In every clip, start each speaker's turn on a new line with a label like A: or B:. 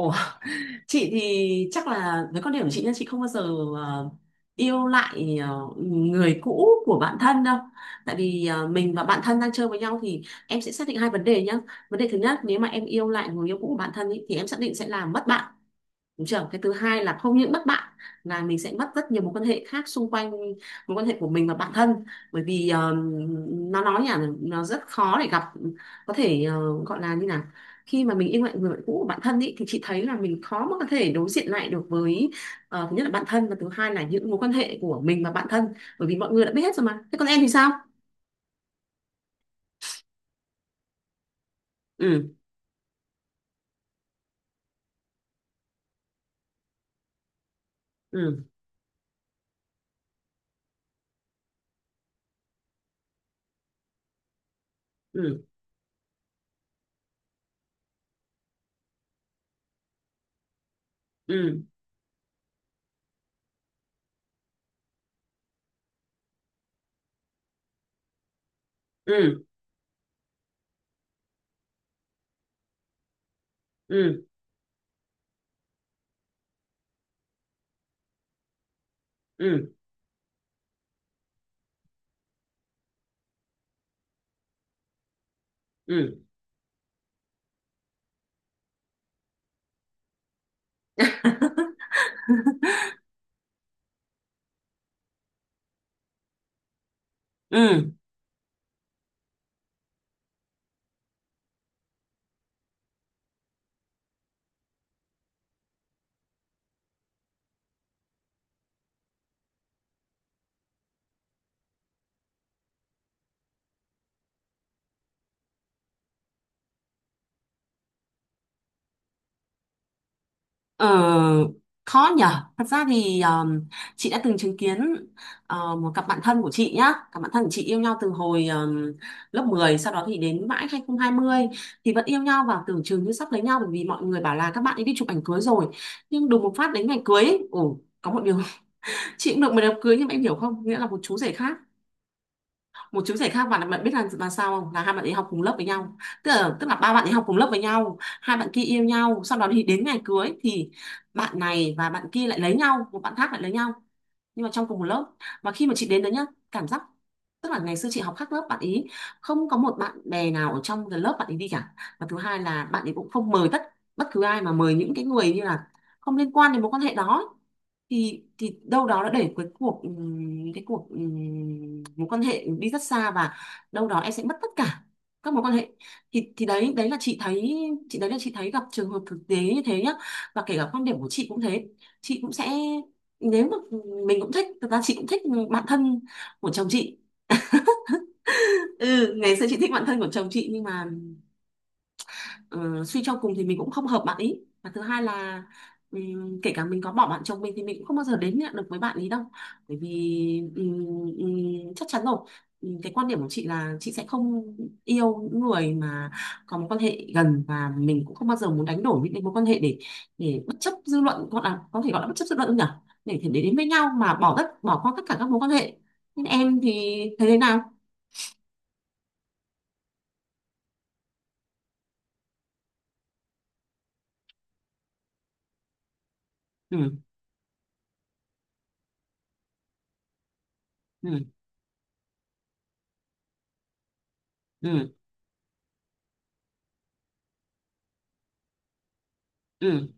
A: Ủa, chị thì chắc là với quan điểm của chị nha, chị không bao giờ ờ, yêu lại người cũ của bạn thân đâu. Tại vì mình và bạn thân đang chơi với nhau thì em sẽ xác định hai vấn đề nhá. Vấn đề thứ nhất, nếu mà em yêu lại người yêu cũ của bạn thân ý, thì em xác định sẽ làm mất bạn. Đúng chưa? Cái thứ hai là không những mất bạn, là mình sẽ mất rất nhiều mối quan hệ khác xung quanh, mối quan hệ của mình và bản thân. Bởi vì nó nói nhỉ, nó rất khó để gặp, có thể gọi là như nào. Khi mà mình yêu lại người bạn cũ của bản thân ý, thì chị thấy là mình khó mà có thể đối diện lại được với thứ nhất là bản thân, và thứ hai là những mối quan hệ của mình và bản thân. Bởi vì mọi người đã biết hết rồi mà, thế còn em thì sao. Ừ, ừ, ừ, ừ, ừ, ừ, ừ, ừ, ừ, ừ. Ờ, khó nhở. Thật ra thì chị đã từng chứng kiến một cặp bạn thân của chị nhá. Cặp bạn thân của chị yêu nhau từ hồi lớp 10, sau đó thì đến mãi 2020 thì vẫn yêu nhau, và tưởng chừng như sắp lấy nhau bởi vì mọi người bảo là các bạn ấy đi chụp ảnh cưới rồi. Nhưng đùng một phát đến ngày cưới ấy, ồ, có một điều, chị cũng được mời đám cưới, nhưng mà em hiểu không, nghĩa là một chú rể khác, một chứng xảy khác. Và bạn biết là sao không, là hai bạn ấy học cùng lớp với nhau. Tức là ba bạn ấy học cùng lớp với nhau, hai bạn kia yêu nhau, sau đó thì đến ngày cưới thì bạn này và bạn kia lại lấy nhau, một bạn khác lại lấy nhau, nhưng mà trong cùng một lớp. Mà khi mà chị đến đấy nhá, cảm giác, tức là ngày xưa chị học khác lớp bạn ý, không có một bạn bè nào ở trong cái lớp bạn ý đi cả. Và thứ hai là bạn ấy cũng không mời tất bất cứ ai, mà mời những cái người như là không liên quan đến mối quan hệ đó ấy. Thì đâu đó đã để cái cuộc mối quan hệ đi rất xa, và đâu đó em sẽ mất tất cả các mối quan hệ. Thì đấy đấy là chị thấy, chị đấy là chị thấy gặp trường hợp thực tế như thế nhá. Và kể cả quan điểm của chị cũng thế, chị cũng sẽ, nếu mà mình cũng thích, thật ra chị cũng thích bạn thân của chồng chị. Ừ, ngày xưa chị thích bạn thân của chồng chị, nhưng mà, ờ, suy cho cùng thì mình cũng không hợp bạn ý. Và thứ hai là kể cả mình có bỏ bạn chồng mình thì mình cũng không bao giờ đến nhận được với bạn ý đâu. Bởi vì ừm, chắc chắn rồi. Cái quan điểm của chị là chị sẽ không yêu những người mà có mối quan hệ gần, và mình cũng không bao giờ muốn đánh đổi những cái mối quan hệ để bất chấp dư luận, gọi là có thể gọi là bất chấp dư luận không nhỉ, để đến với nhau mà bỏ qua tất cả các mối quan hệ. Nên em thì thấy thế nào? Ừ, ừ, ừ, ừ,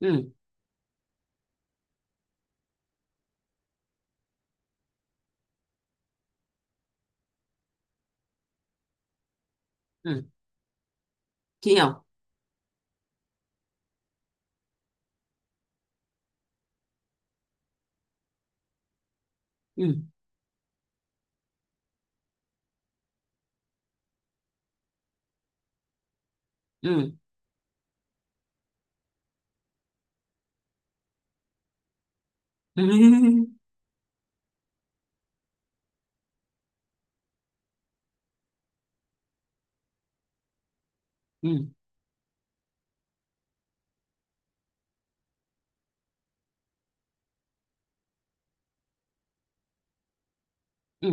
A: ừ, ừ, chị hiểu. Ừ, ừ. Ừ, ừ, ừ,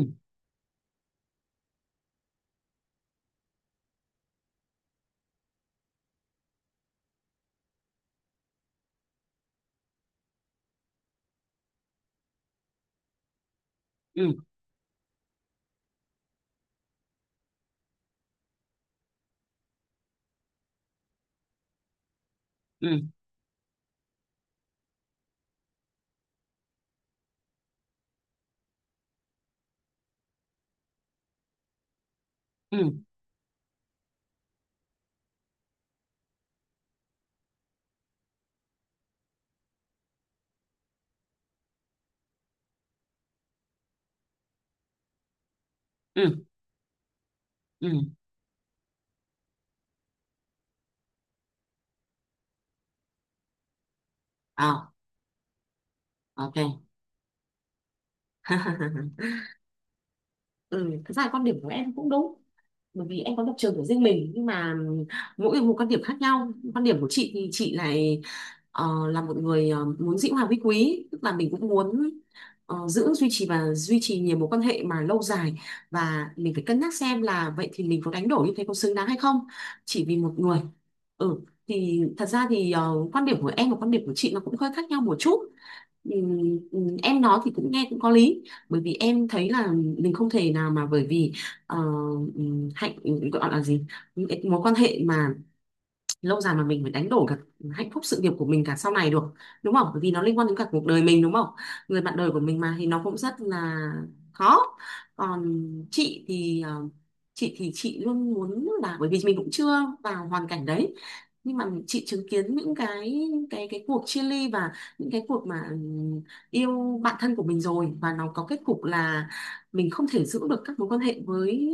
A: ừ, ừ, ừ, ừ, ừ. Ờ, ok. Ừ, thật ra là quan điểm của em cũng đúng, bởi vì em có lập trường của riêng mình, nhưng mà mỗi người một quan điểm khác nhau. Quan điểm của chị thì chị lại ờ, là một người muốn dĩ hòa vi quý, tức là mình cũng muốn giữ duy trì và duy trì nhiều mối quan hệ mà lâu dài, và mình phải cân nhắc xem là vậy thì mình có đánh đổi như thế có xứng đáng hay không, chỉ vì một người. Ừ, thì thật ra thì quan điểm của em và quan điểm của chị nó cũng hơi khác nhau một chút. Em nói thì cũng nghe cũng có lý, bởi vì em thấy là mình không thể nào mà, bởi vì ờ, hạnh gọi là gì, mối quan hệ mà lâu dài mà mình phải đánh đổi cả hạnh phúc sự nghiệp của mình cả sau này được, đúng không, bởi vì nó liên quan đến cả cuộc đời mình, đúng không, người bạn đời của mình mà, thì nó cũng rất là khó. Còn chị thì chị thì chị luôn muốn là, bởi vì mình cũng chưa vào hoàn cảnh đấy, nhưng mà chị chứng kiến những cái cái cuộc chia ly, và những cái cuộc mà yêu bạn thân của mình rồi, và nó có kết cục là mình không thể giữ được các mối quan hệ với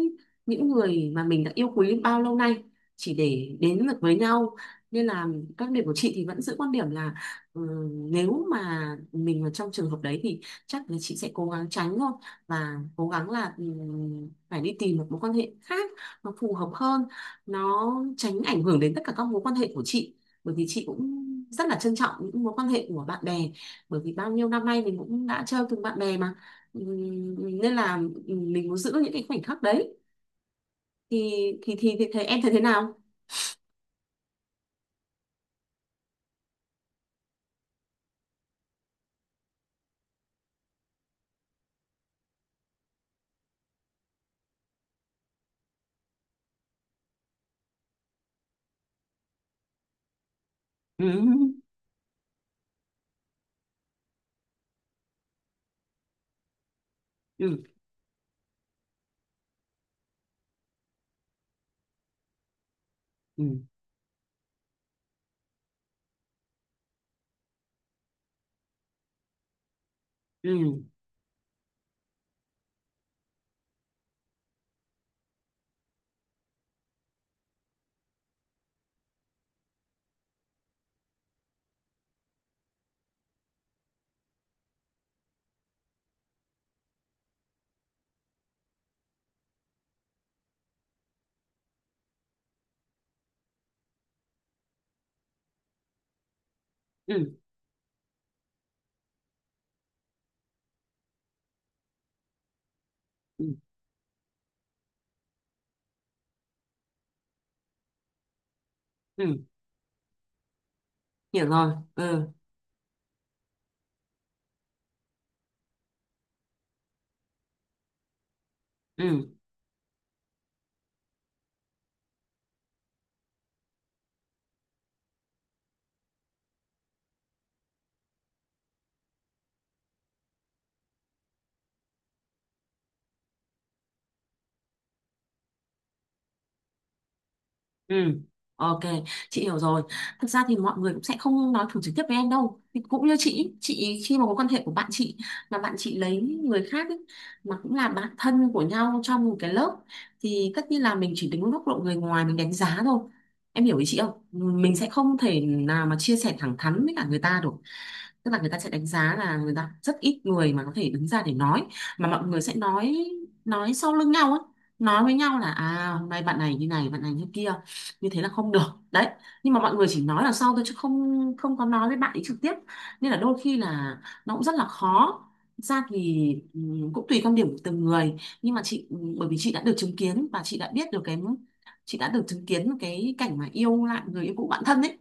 A: những người mà mình đã yêu quý bao lâu nay chỉ để đến được với nhau. Nên là các điểm của chị thì vẫn giữ quan điểm là, ừ, nếu mà mình ở trong trường hợp đấy thì chắc là chị sẽ cố gắng tránh thôi, và cố gắng là, ừ, phải đi tìm một mối quan hệ khác nó phù hợp hơn, nó tránh ảnh hưởng đến tất cả các mối quan hệ của chị. Bởi vì chị cũng rất là trân trọng những mối quan hệ của bạn bè, bởi vì bao nhiêu năm nay mình cũng đã chơi cùng bạn bè mà. Ừ, nên là, ừ, mình muốn giữ những cái khoảnh khắc đấy. Thì thì thì, thì, thì em thấy thế nào? Ừ. Ừ, ừ, ừ, ừ, ừ, ừ, hiểu rồi. Ừ, ừ, ừ. Ok, chị hiểu rồi. Thật ra thì mọi người cũng sẽ không nói thẳng trực tiếp với em đâu. Thì cũng như chị ý, khi mà có quan hệ của bạn chị, mà bạn chị lấy người khác ý, mà cũng là bạn thân của nhau trong một cái lớp, thì tất nhiên là mình chỉ đứng góc độ người ngoài mình đánh giá thôi. Em hiểu ý chị không, mình sẽ không thể nào mà chia sẻ thẳng thắn với cả người ta được. Tức là người ta sẽ đánh giá là, người ta rất ít người mà có thể đứng ra để nói, mà mọi người sẽ nói sau lưng nhau á, nói với nhau là à hôm nay bạn này như này, bạn này như kia, như thế là không được. Đấy, nhưng mà mọi người chỉ nói là sau thôi chứ không, có nói với bạn ấy trực tiếp. Nên là đôi khi là nó cũng rất là khó. Thực ra thì cũng tùy quan điểm của từng người, nhưng mà chị, bởi vì chị đã được chứng kiến và chị đã biết được cái, chị đã được chứng kiến cái cảnh mà yêu lại người yêu cũ bạn thân ấy,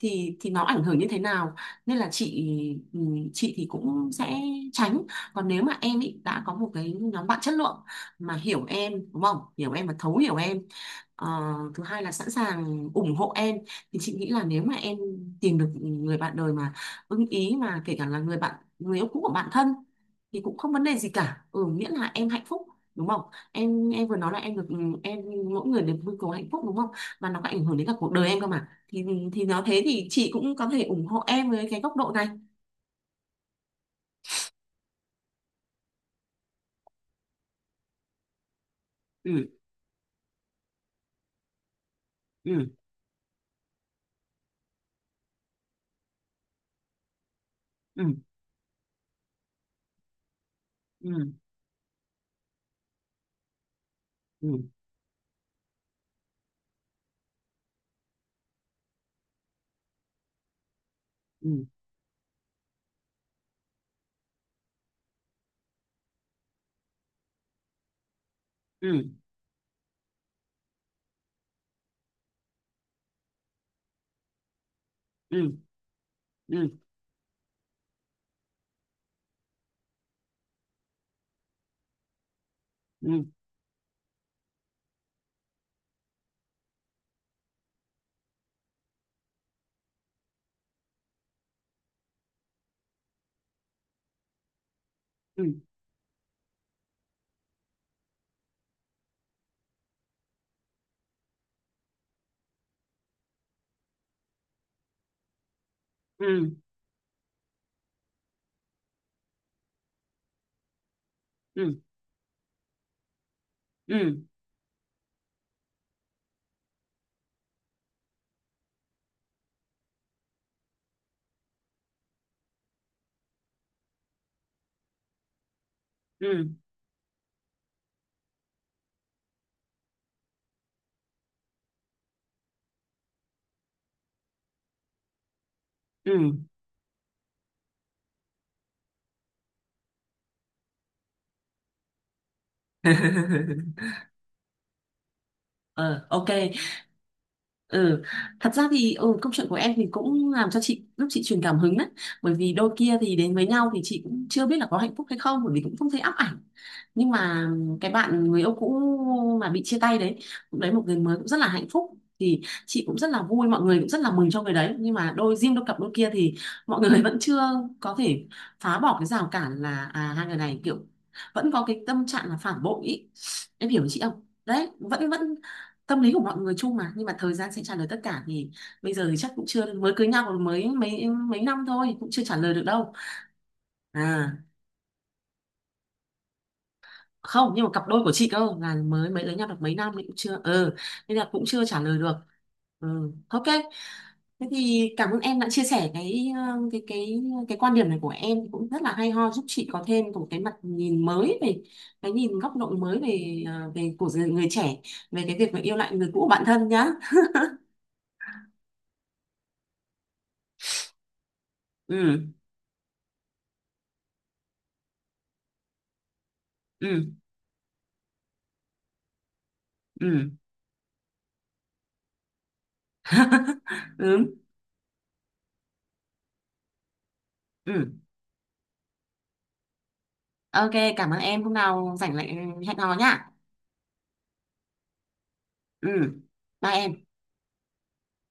A: thì nó ảnh hưởng như thế nào. Nên là chị, ừ, chị thì cũng sẽ tránh. Còn nếu mà em ý đã có một cái nhóm bạn chất lượng mà hiểu em, đúng không, hiểu em và thấu hiểu em. Ờ, thứ hai là sẵn sàng ủng hộ em, thì chị nghĩ là nếu mà em tìm được người bạn đời mà ưng ý, mà kể cả là người bạn người yêu cũ của bạn thân, thì cũng không vấn đề gì cả. Ừ, miễn là em hạnh phúc, đúng không. Em vừa nói là em được, em, mỗi người được mưu cầu hạnh phúc, đúng không, và nó có ảnh hưởng đến cả cuộc đời em cơ mà, thì nó thế thì chị cũng có thể ủng hộ em với cái góc độ này. Ừ, ừ, ừ, ừ, ừ, ừ, ừ, ừ, ừ, ừ, ừ, ừ, ừ, ừ, ừ, ừ. Ờ, ok. Ừ. Thật ra thì ừ, câu chuyện của em thì cũng làm cho chị lúc chị truyền cảm hứng đấy, bởi vì đôi kia thì đến với nhau thì chị cũng chưa biết là có hạnh phúc hay không, bởi vì cũng không thấy ắp ảnh. Nhưng mà cái bạn người yêu cũ mà bị chia tay đấy cũng đấy một người mới cũng rất là hạnh phúc, thì chị cũng rất là vui, mọi người cũng rất là mừng cho người đấy. Nhưng mà đôi riêng đôi cặp đôi kia thì mọi người vẫn chưa có thể phá bỏ cái rào cản là à hai người này kiểu vẫn có cái tâm trạng là phản bội ý. Em hiểu chị không? Đấy, vẫn vẫn tâm lý của mọi người chung mà, nhưng mà thời gian sẽ trả lời tất cả. Thì bây giờ thì chắc cũng chưa, mới cưới nhau còn mới mấy mấy năm thôi cũng chưa trả lời được đâu. À, không, nhưng mà cặp đôi của chị cơ là mới mới lấy nhau được mấy năm thì cũng chưa, ừ, nên là cũng chưa trả lời được. Ừ, ok. Thế thì cảm ơn em đã chia sẻ cái cái quan điểm này của em cũng rất là hay ho, giúp chị có thêm một cái mặt nhìn mới về cái nhìn góc độ mới về về của người, người trẻ, về cái việc mà yêu lại người cũ của bản thân nhá. Ừ, ừ, ừ. Ừ, ừ, ok. Cảm ơn em, hôm nào rảnh lại hẹn hò nhá. Ừ, bye em.